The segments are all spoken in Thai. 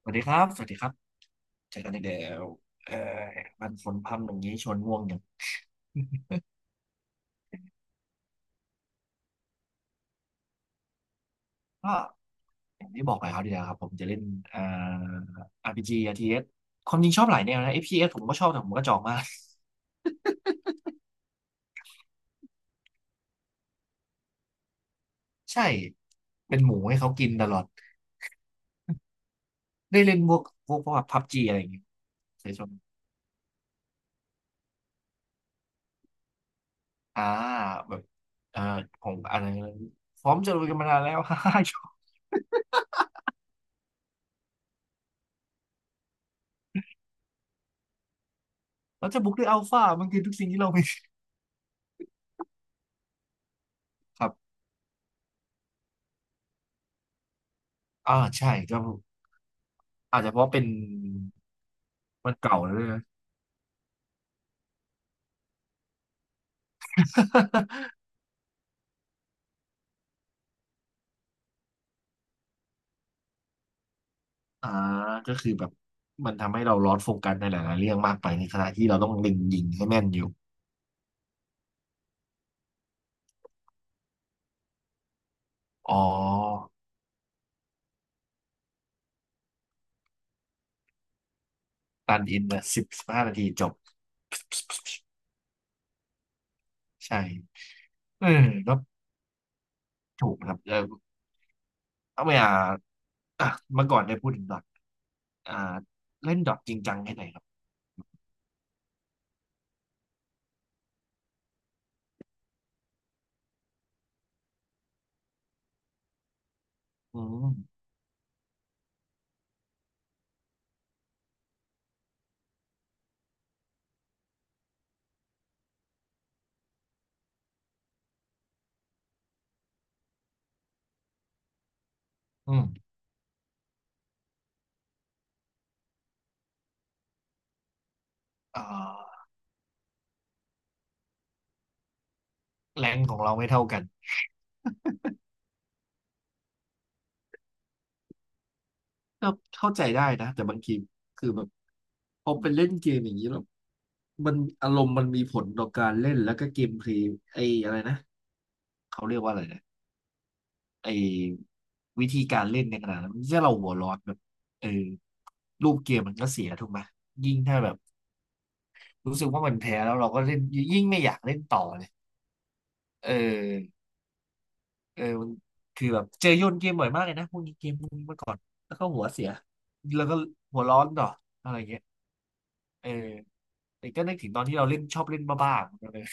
สวัสดีครับ สวัสดีครับเจอกันอีกแล้วเอ่อมันฝนพรำอย่างนี้ชวนง่วงอย่างก็อย่างที่บอกไปครับเดียวครับผมจะเล่นอ่า RPG RTS ความจริงชอบหลายแนวนะ FPS ผมก็ชอบแต่ผมก็จองมา กใช่เป็นหมูให้เขากินตลอดได้เล่นพวกพวกพับจีอะไรอย่างเงี้ยเคยชมอ่าแบบเอ่อผมอะไรพร้อมจะลุยกันมานานแล้ว ฮ่าฮ่าเราจะบุกด้วยอัลฟามันคือทุกสิ่งที่เรามี ครับอ่าใช่ก็อาจจะเพราะเป็นมันเก่าแล้วด้วยนะ อ่าก็คือแบบมันทำให้เราลอสโฟกัสในหลายๆเรื่องมากไปในขณะที่เราต้องเล็งยิงให้แม่นอยู่ อ๋อ ตันอินนะสิบห้านาทีจบ ใช่เออก็ถูกนะครับเออเอาไปอ่าอ่ะเมื่อก่อนได้พูดถึงดอทอ่าเล่นดอทจริงจังแค่ไหนครับ อืม อืมอ่าแรงของเราไม่เท่ากันก็เข้าใจได้นะแต่บางทีคือแบบพอไปเล่นเกมอย่างนี้แล้วมันอารมณ์มันมีผลต่อการเล่นแล้วก็เกมเพลย์ไอ้อะไรนะ เขาเรียกว่าอะไรนะไอ้วิธีการเล่นในขณะนั้นที่เราหัวร้อนแบบเออรูปเกมมันก็เสียถูกไหมยิ่งถ้าแบบรู้สึกว่ามันแพ้แล้วเราก็เล่นยิ่งไม่อยากเล่นต่อเลยเออเออมันคือแบบเจอโยนเกมบ่อยมากเลยนะพวกนี้เกมพวกนี้เมื่อก่อนแล้วก็หัวเสียแล้วก็หัวร้อนต่ออะไรเงี้ยเออแต่ก็นึกถึงตอนที่เราเล่นชอบเล่นบ้าๆเหมือนกันเลย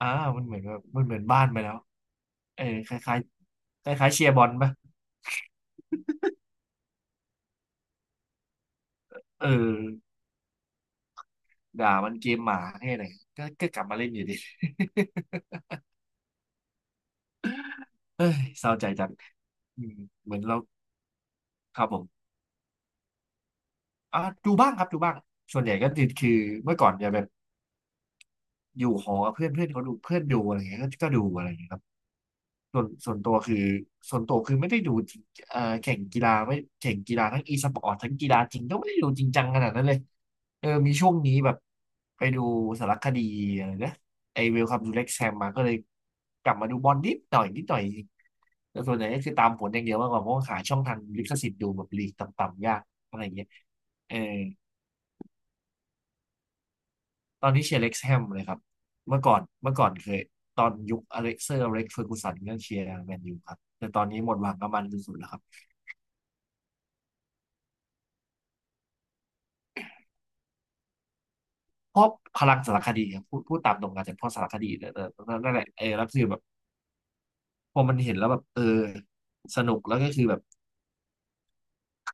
อ่ามันเหมือนแบบมันเหมือนบ้านไปแล้วเออคล้ายๆคล้ายๆเชียร์บอลปะเออ ด่ามันเกมหมาแค่ไหนก็กลับมาเล่นอยู่ดี เอ้ยเศร้าใจจังอืมเหมือนเราครับผมอ่ะดูบ้างครับดูบ้างส่วนใหญ่ก็คือเมื่อก่อนจะแบบอยู่หอกับเพื่อนเพื่อนเขาดูเพื่อนดูอะไรเงี้ยก็ดูอะไรเงี้ยครับ ส่วนตัวคือไม่ได้ดูจริงแข่งกีฬาไม่แข่งกีฬาทั้งอีสปอร์ตทั้งกีฬาจริงก็ไม่ได้ดูจริงจังขนาดนั้นเลยเออมีช่วงนี้แบบไปดูสารคดีอะไรนะไอเวลคัมทูเล็กแซมมาก็เลยกลับมาดูบอลนิดหน่อยนิดหน่อยจริงแต่ส่วนใหญ่ก็คือตามผลอย่างเดียวมากกว่าเพราะว่าหาช่องทางลิขสิทธิ์ดูแบบลีกต่ำๆยากอะไรอย่างเงี้ยเออ ตอนนี้เชียร์เล็กซ์แฮมเลยครับเมื่อก่อนเคยตอนยุคอเล็กซ์เฟอร์กูสันก็เชียร์แมนยูครับ แต่ตอนนี้หมดหวังกับมันสุดๆแล้วครับเพราะพลังสารคดีครับพูดตามตรงกันจากเพราะสารคดีแต่นั่นแหละเออแล้วคือแบบพอมันเห็นแล้วแบบเออสนุกแล้วก็คือแบบ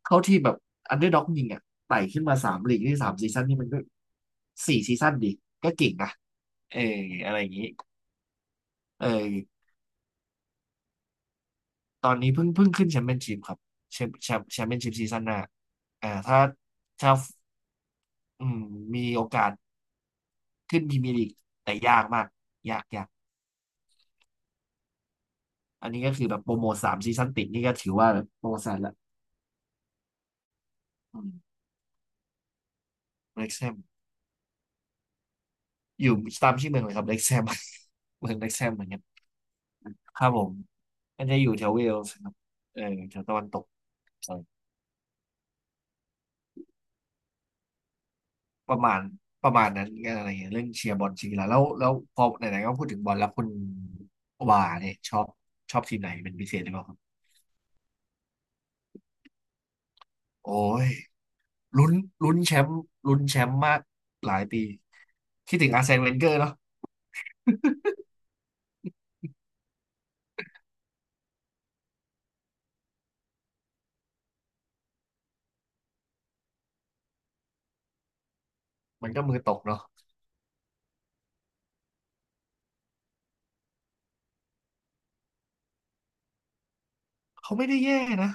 เข้าที่แบบอันเดอร์ด็อกยิงอ่ะไต่ขึ้นมาสามลีกที่สามซีซั่นนี่มันก็สี่ซีซั่นดิก็เก่งนะเอออะไรอย่างนี้เออ ตอนนี้เพิ่งขึ้นแชมเปี้ยนชิพครับแชมเปี้ยนชิพซีซั่นหน้าอ่าถ้าถ้าอืมมีโอกาสขึ้นพรีเมียร์ลีกแต่ยากมากยากอันนี้ก็คือแบบโปรโมทสามซีซั่นติดนี่ก็ถือว่าแบบประวัติศาสตร์ละอืมเล็กแซมอยู่ตามชื่อเมืองเลยครับเล็กแซม เมืองเล็กแซมเหมือนกันครับผมมันจะอยู่แถวเวลส์ครับเออแถวตะวันตก ประมาณนั้นอะไรอย่างเงี้ยเรื่องเชียร์บอลจริงๆแล้วพอไหนๆก็พูดถึงบอลแล้วคุณว่าเนี่ยชอบทีมไหนเป็นพิเศษหรือเปล่าครับโอ้ยลุ้นลุ้นแชมป์ลุ้นแชมป์มากหลายปีคิดถึงอาร์เซนเวนเกอร์เนาะมันก็มือตกเนาะเขาไม่ได้แย่นะ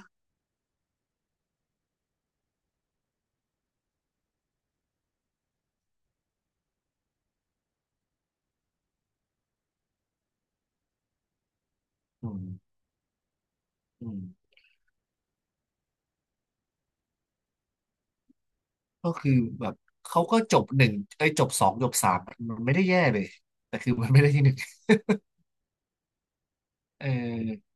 อืมอืมก็คือแบบเขาก็จบหนึ่งไอ้ยจบสองจบสามมันไม่ได้แย่เลยแต่คือมันไม่ได้ที่หนึ่งเออ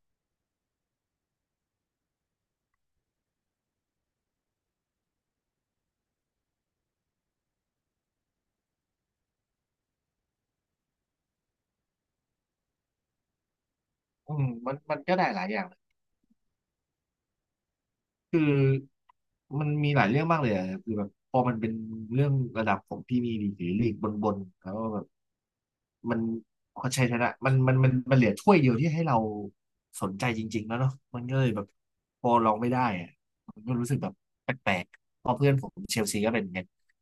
อืมมันมันได้หลายอย่าง คือมันมีหลายเรื่องมากเลยอะคือแบบพอมันเป็นเรื่องระดับของพรีเมียร์ลีกหรือลีกบนๆแล้วก็แบบมันเขาใช้ชนะมันเหลือถ้วยเดียวที่ให้เราสนใจจริงๆแล้วเนาะมันก็เลยแบบพอลองไม่ได้อะมันก็รู้สึกแบบแปลกๆเพื่อนผมเชลซีก็เป็นเงี้ย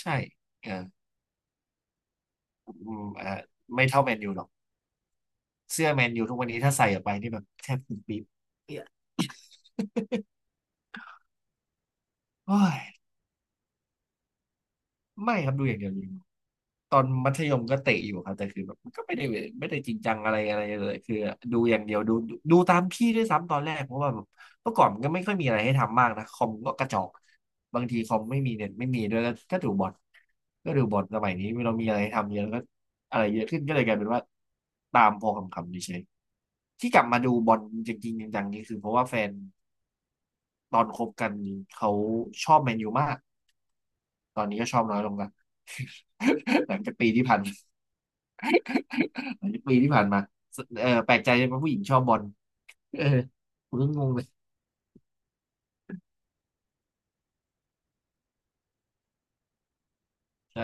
ใช่เอออืมเออไม่เท่าแมนยูหรอกเสื้อแมนยูทุกวันนี้ถ้าใส่ออกไปนี่แบบแทบปุ๊บปิ๊บโอ้ยไม่ครับดูอย่างเดียว ตอนมัธยมก็เตะอยู่ครับแต่คือแบบมันก็ไม่ได้จริงจังอะไรอะไรเลยคือดูอย่างเดียวดูตามพี่ด้วยซ้ำตอนแรกเพราะว่าแบบเมื่อก่อนมันก็ไม่ค่อยมีอะไรให้ทำมากนะคอมก็กระจอกบางทีคอมไม่มีเน็ตไม่มีด้วยก็ดูบอทก็ดูบอทสมัยนี้เรามีอะไรให้ทำเยอะก็อะไรเยอะขึ้นก็เลยกลายเป็นว่าตามพอคำเฉยๆที่กลับมาดูบอลจริงๆจังๆนี่คือเพราะว่าแฟนตอนคบกันเขาชอบแมนยูมากตอนนี้ก็ชอบน้อยลงละ หลังจากปีที่ผ่านมาเออแปลกใจว่าผู้หญิงชอบบอลเออผมก็งงเลย ใช่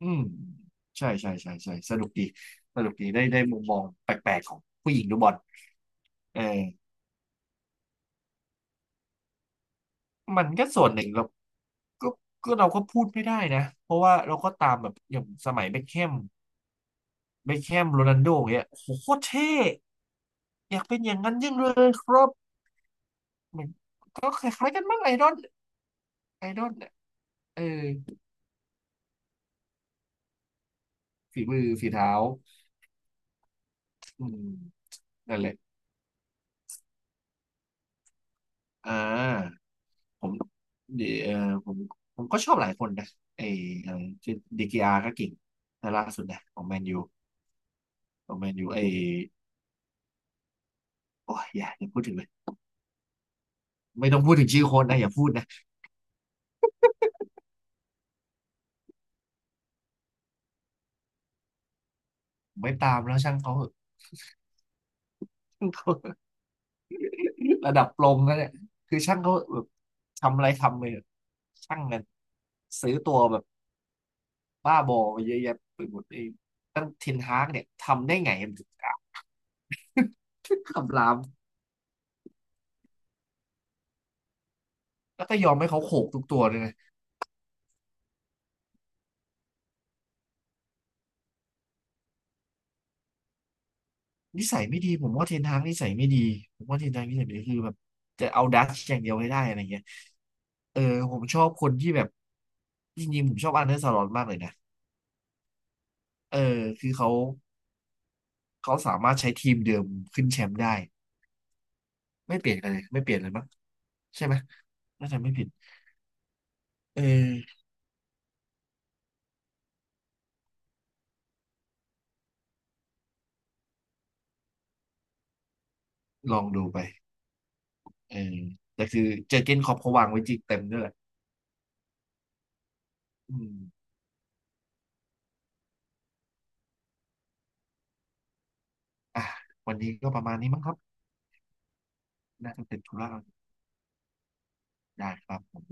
อืมใช่ใช่ใช่ใช่สนุกดีสนุกดี ได้ได้มุมมองแปลกๆของผู้หญิงดูบอลเออมันก็ส่วนหนึ่งเราก็ก็เราก็พูดไม่ได้นะ เพราะว่าเราก็ตามแบบอย่างสมัยเบ็คแฮมเบ็คแฮมโรนัลโดอย่างเงี้ยโอ้โหโคตรเท่อยากเป็นอย่างนั้นยิ่งเลยครับเหมือนก็คล้ายๆกันมั้งไอดอลไอดอลเนี่ยเออฝีมือฝีเท้าอืมนั่นแหละอ่า ผมดีเออผมผมก็ชอบหลายคนนะไออะไรชื่อดีกีอาร์ก็เก่งนะล่าสุดนะของแมนยูของแมนยูไอโอ้ยอย่าพูดถึงเลยไม่ต้องพูดถึงชื่อโคนนะอย่าพูดนะผมไม่ตามแล้วช่างเขาช่างเขา ระดับโปรมแล้วเนี่ยคือช่างเขาแบบทำอะไรทำเลยช่างกันซื้อตัวแบบบ้าบอมาเยอะแยะไปหมดเองตั้งเทนฮากเนี่ยทำได้ไงกัำรามแล้วก็ยอมให้เขาโขกทุกตัวเลยนะ นิสัยไม่ดีผมว่าเทนฮากนิสัยไม่ดีผมว่าเทนฮากนิสัยไม่ดีคือแบบจะเอาดัชอย่างเดียวให้ได้อะไรเงี้ยเออผมชอบคนที่แบบจริงๆผมชอบอันเดอร์สลอตมากเลยนะเออคือเขาเขาสามารถใช้ทีมเดิมขึ้นแชมป์ได้ไม่เปลี่ยนอะไรไม่เปลี่ยนเลยมั้งใช่ไหมน่าจะไม่ผิดเออลองดูไปเออแต่คือเจอร์เก้นคล็อปเขาวางไว้จิกเต็มด้วยแหละอืมอ่ะวันนี้ก็ประมาณนี้มั้งครับน่าจะเป็นธุระได้ครับผม